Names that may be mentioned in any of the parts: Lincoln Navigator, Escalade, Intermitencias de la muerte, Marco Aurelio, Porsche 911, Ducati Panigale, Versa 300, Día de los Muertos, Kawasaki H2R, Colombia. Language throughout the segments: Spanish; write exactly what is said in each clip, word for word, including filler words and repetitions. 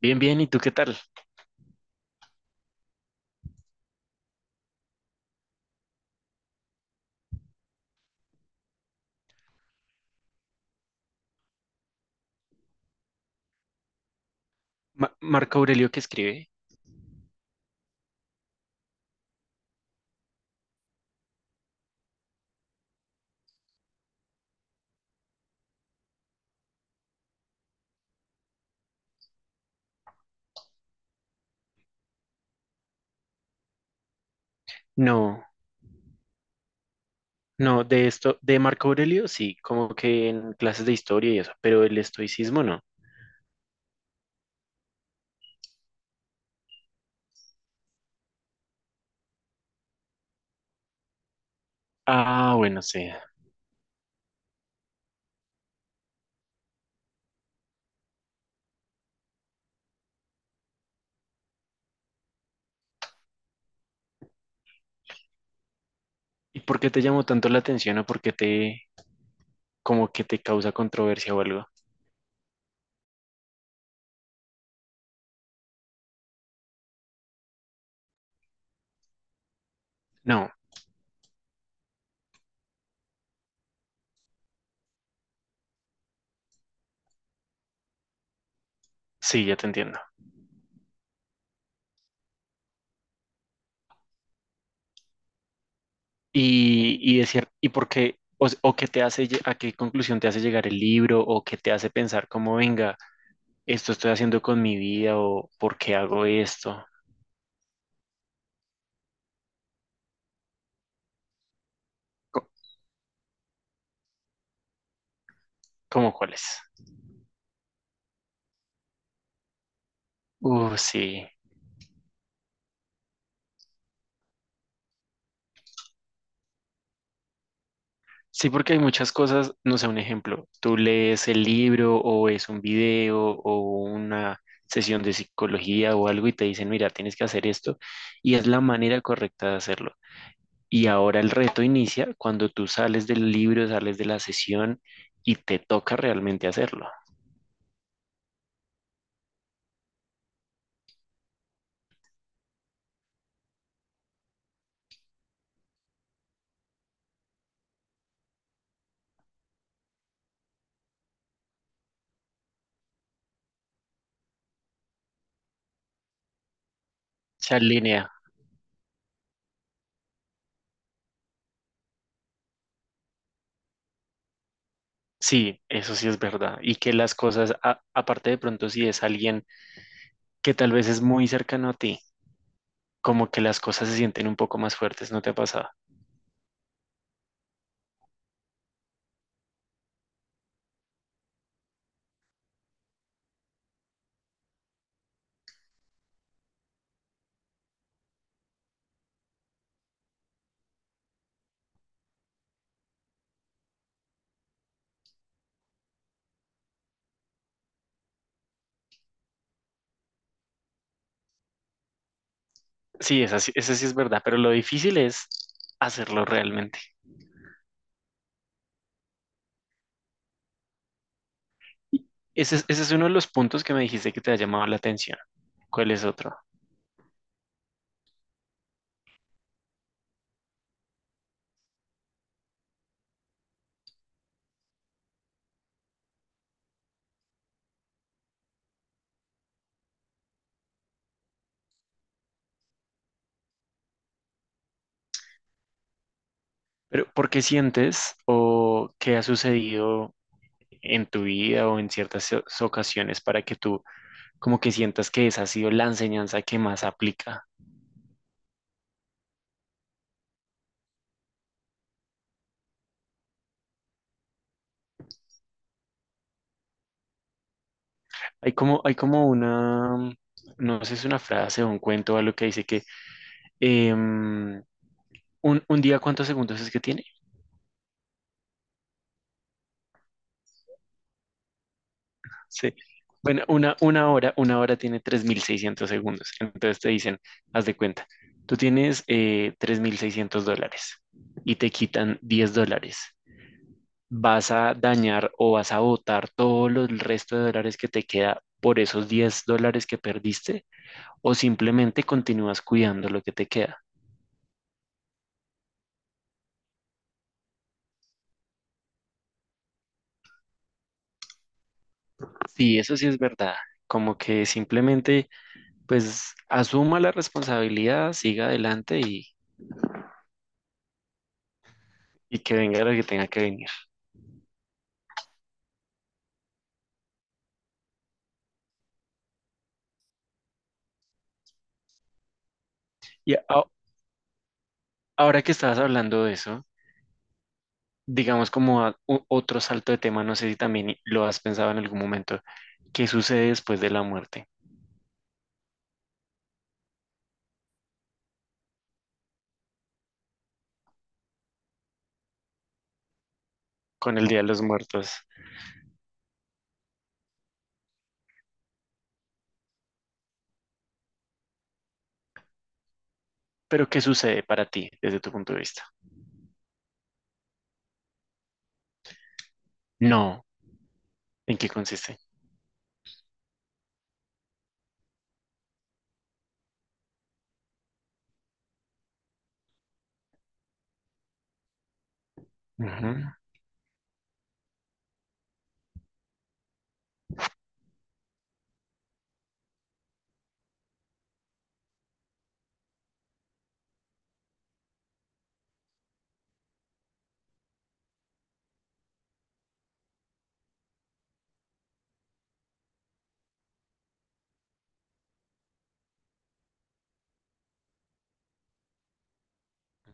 Bien, bien, ¿y tú qué tal? Ma- ¿Marco Aurelio que escribe? No, no, de esto, de Marco Aurelio sí, como que en clases de historia y eso, pero el estoicismo no. Ah, bueno, sí. ¿Y por qué te llamó tanto la atención o por qué te, como que te causa controversia o algo? No, sí, ya te entiendo. Y, y es cier- ¿y por qué, o, s- o qué te hace, lle- a qué conclusión te hace llegar el libro o qué te hace pensar como, venga, esto estoy haciendo con mi vida o por qué hago esto? Co- ¿Cómo cuáles? Uh, sí. Sí, porque hay muchas cosas, no sé, un ejemplo, tú lees el libro o es un video o una sesión de psicología o algo y te dicen, mira, tienes que hacer esto y es la manera correcta de hacerlo. Y ahora el reto inicia cuando tú sales del libro, sales de la sesión y te toca realmente hacerlo. Se alinea. Sí, eso sí es verdad. Y que las cosas, a- aparte de pronto si es alguien que tal vez es muy cercano a ti, como que las cosas se sienten un poco más fuertes, ¿no te ha pasado? Sí, esa, sí- esa sí es verdad, pero lo difícil es hacerlo realmente. Y ese es, ese es uno de los puntos que me dijiste que te ha llamado la atención. ¿Cuál es otro? Pero, ¿por qué sientes o qué ha sucedido en tu vida o en ciertas o- ocasiones para que tú como que sientas que esa ha sido la enseñanza que más aplica? Hay como, hay como una, no sé si es una frase o un cuento o algo que dice que em, un, un día, ¿cuántos segundos es que tiene? Sí. Bueno, una, una hora, una hora tiene tres mil seiscientos segundos. Entonces te dicen, haz de cuenta, tú tienes eh, tres mil seiscientos dólares y te quitan diez dólares. Vas a dañar o vas a botar todo lo- el resto de dólares que te queda por esos diez dólares que perdiste o simplemente continúas cuidando lo que te queda. Sí, eso sí es verdad. Como que simplemente, pues, asuma la responsabilidad, siga adelante y, y que venga lo que tenga que venir. Y a- Ahora que estabas hablando de eso, digamos como a- u- otro salto de tema, no sé si también lo has pensado en algún momento, ¿qué sucede después de la muerte, con el Día de los Muertos? Pero ¿qué sucede para ti desde tu punto de vista? No, ¿en qué consiste? Ujú.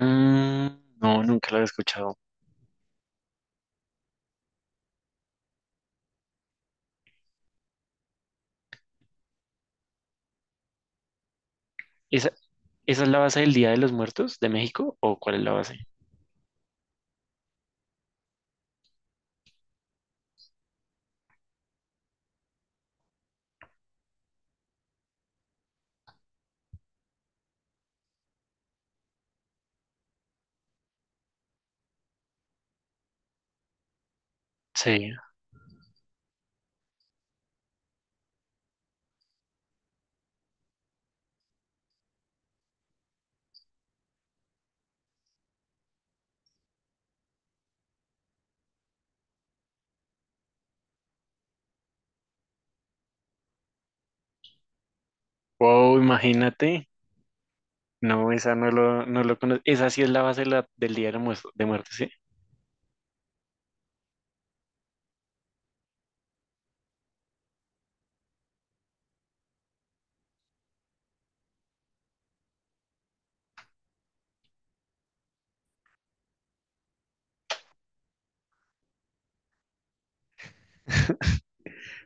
Mm, no, nunca lo había escuchado. ¿Esa, esa es la base del Día de los Muertos de México o cuál es la base? Sí. Wow, imagínate. No, esa no lo, no lo conozco. Esa sí es la base de la- del Día de los Muertos.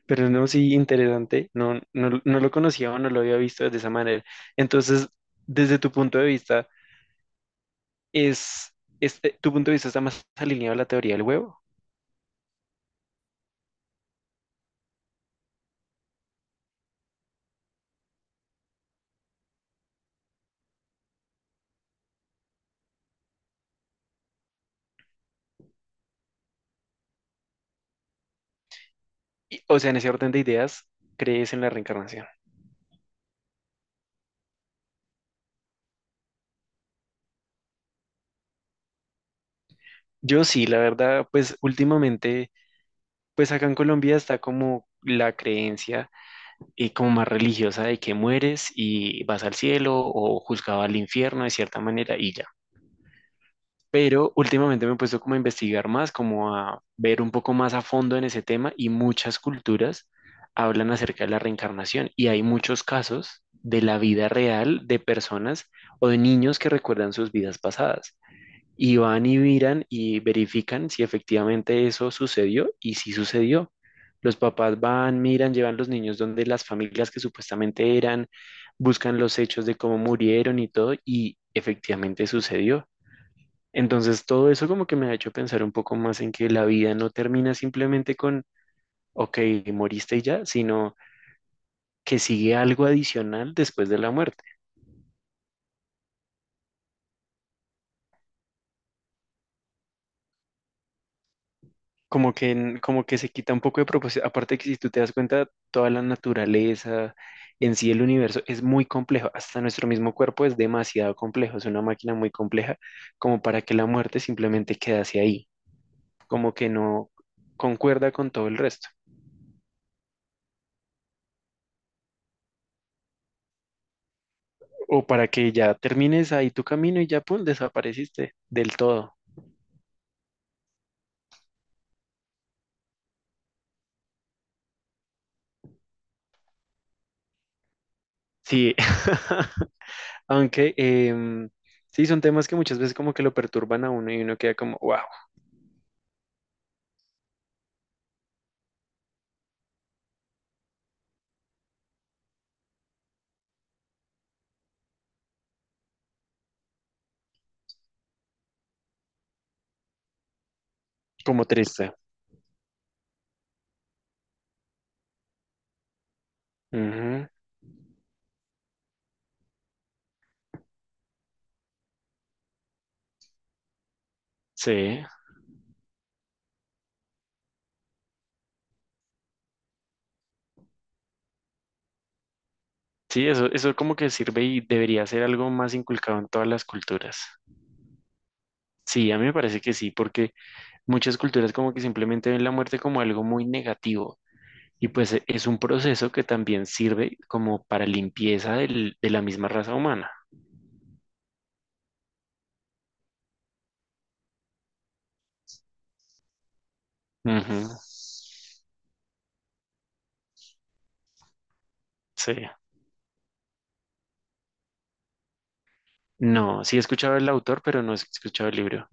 Pero no, sí, interesante. No, no, no lo conocía o no lo había visto de esa manera. Entonces, desde tu punto de vista, es, es- eh, tu punto de vista está más alineado a la teoría del huevo. Y, o sea, en ese orden de ideas, ¿crees en la reencarnación? Yo sí, la verdad, pues últimamente, pues acá en Colombia está como la creencia y como más religiosa de que mueres y vas al cielo o juzgado al infierno de cierta manera y ya. Pero últimamente me he puesto como a investigar más, como a ver un poco más a fondo en ese tema y muchas culturas hablan acerca de la reencarnación y hay muchos casos de la vida real de personas o de niños que recuerdan sus vidas pasadas y van y miran y verifican si efectivamente eso sucedió y si sucedió. Los papás van, miran, llevan los niños donde las familias que supuestamente eran, buscan los hechos de cómo murieron y todo, y efectivamente sucedió. Entonces, todo eso como que me ha hecho pensar un poco más en que la vida no termina simplemente con, ok, moriste y ya, sino que sigue algo adicional después de la muerte. Como que, en- como que se quita un poco de propósito. Aparte que si tú te das cuenta, toda la naturaleza, en sí el universo, es muy complejo. Hasta nuestro mismo cuerpo es demasiado complejo, es una máquina muy compleja, como para que la muerte simplemente quedase ahí, como que no concuerda con todo el resto. O para que ya termines ahí tu camino y ya, pum, desapareciste del todo. Sí, aunque em, sí, son temas que muchas veces como que lo perturban a uno y uno queda como, wow, como triste. Ujú. Sí, sí, eso, eso como que sirve y debería ser algo más inculcado en todas las culturas. Sí, a mí me parece que sí, porque muchas culturas como que simplemente ven la muerte como algo muy negativo. Y pues e- es un proceso que también sirve como para limpieza del- de la misma raza humana. Ujú. Sí. No, sí he escuchado el autor, pero no he escuchado el libro.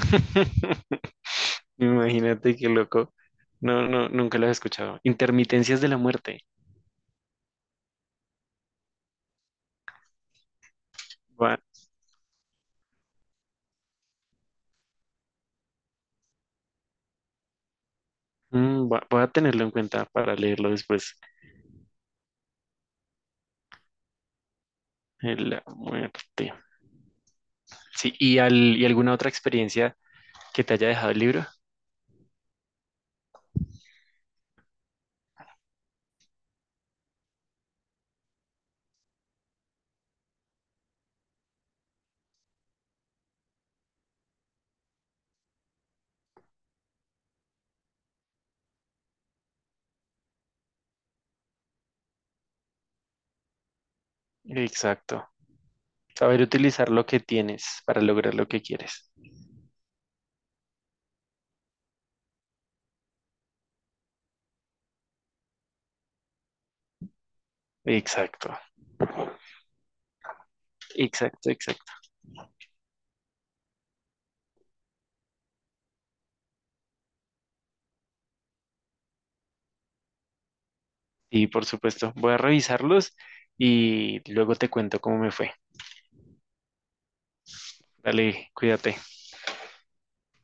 Imagínate qué loco. No, no, nunca lo he escuchado. Intermitencias de la muerte. Va- mm, va- Voy a tenerlo en cuenta para leerlo después. Eh, La muerte. Sí, ¿y, al- y alguna otra experiencia que te haya dejado el libro? Exacto. Saber utilizar lo que tienes para lograr lo que quieres. Exacto, exacto, exacto. Y por supuesto, voy a revisarlos y luego te cuento cómo me fue. Dale, cuídate.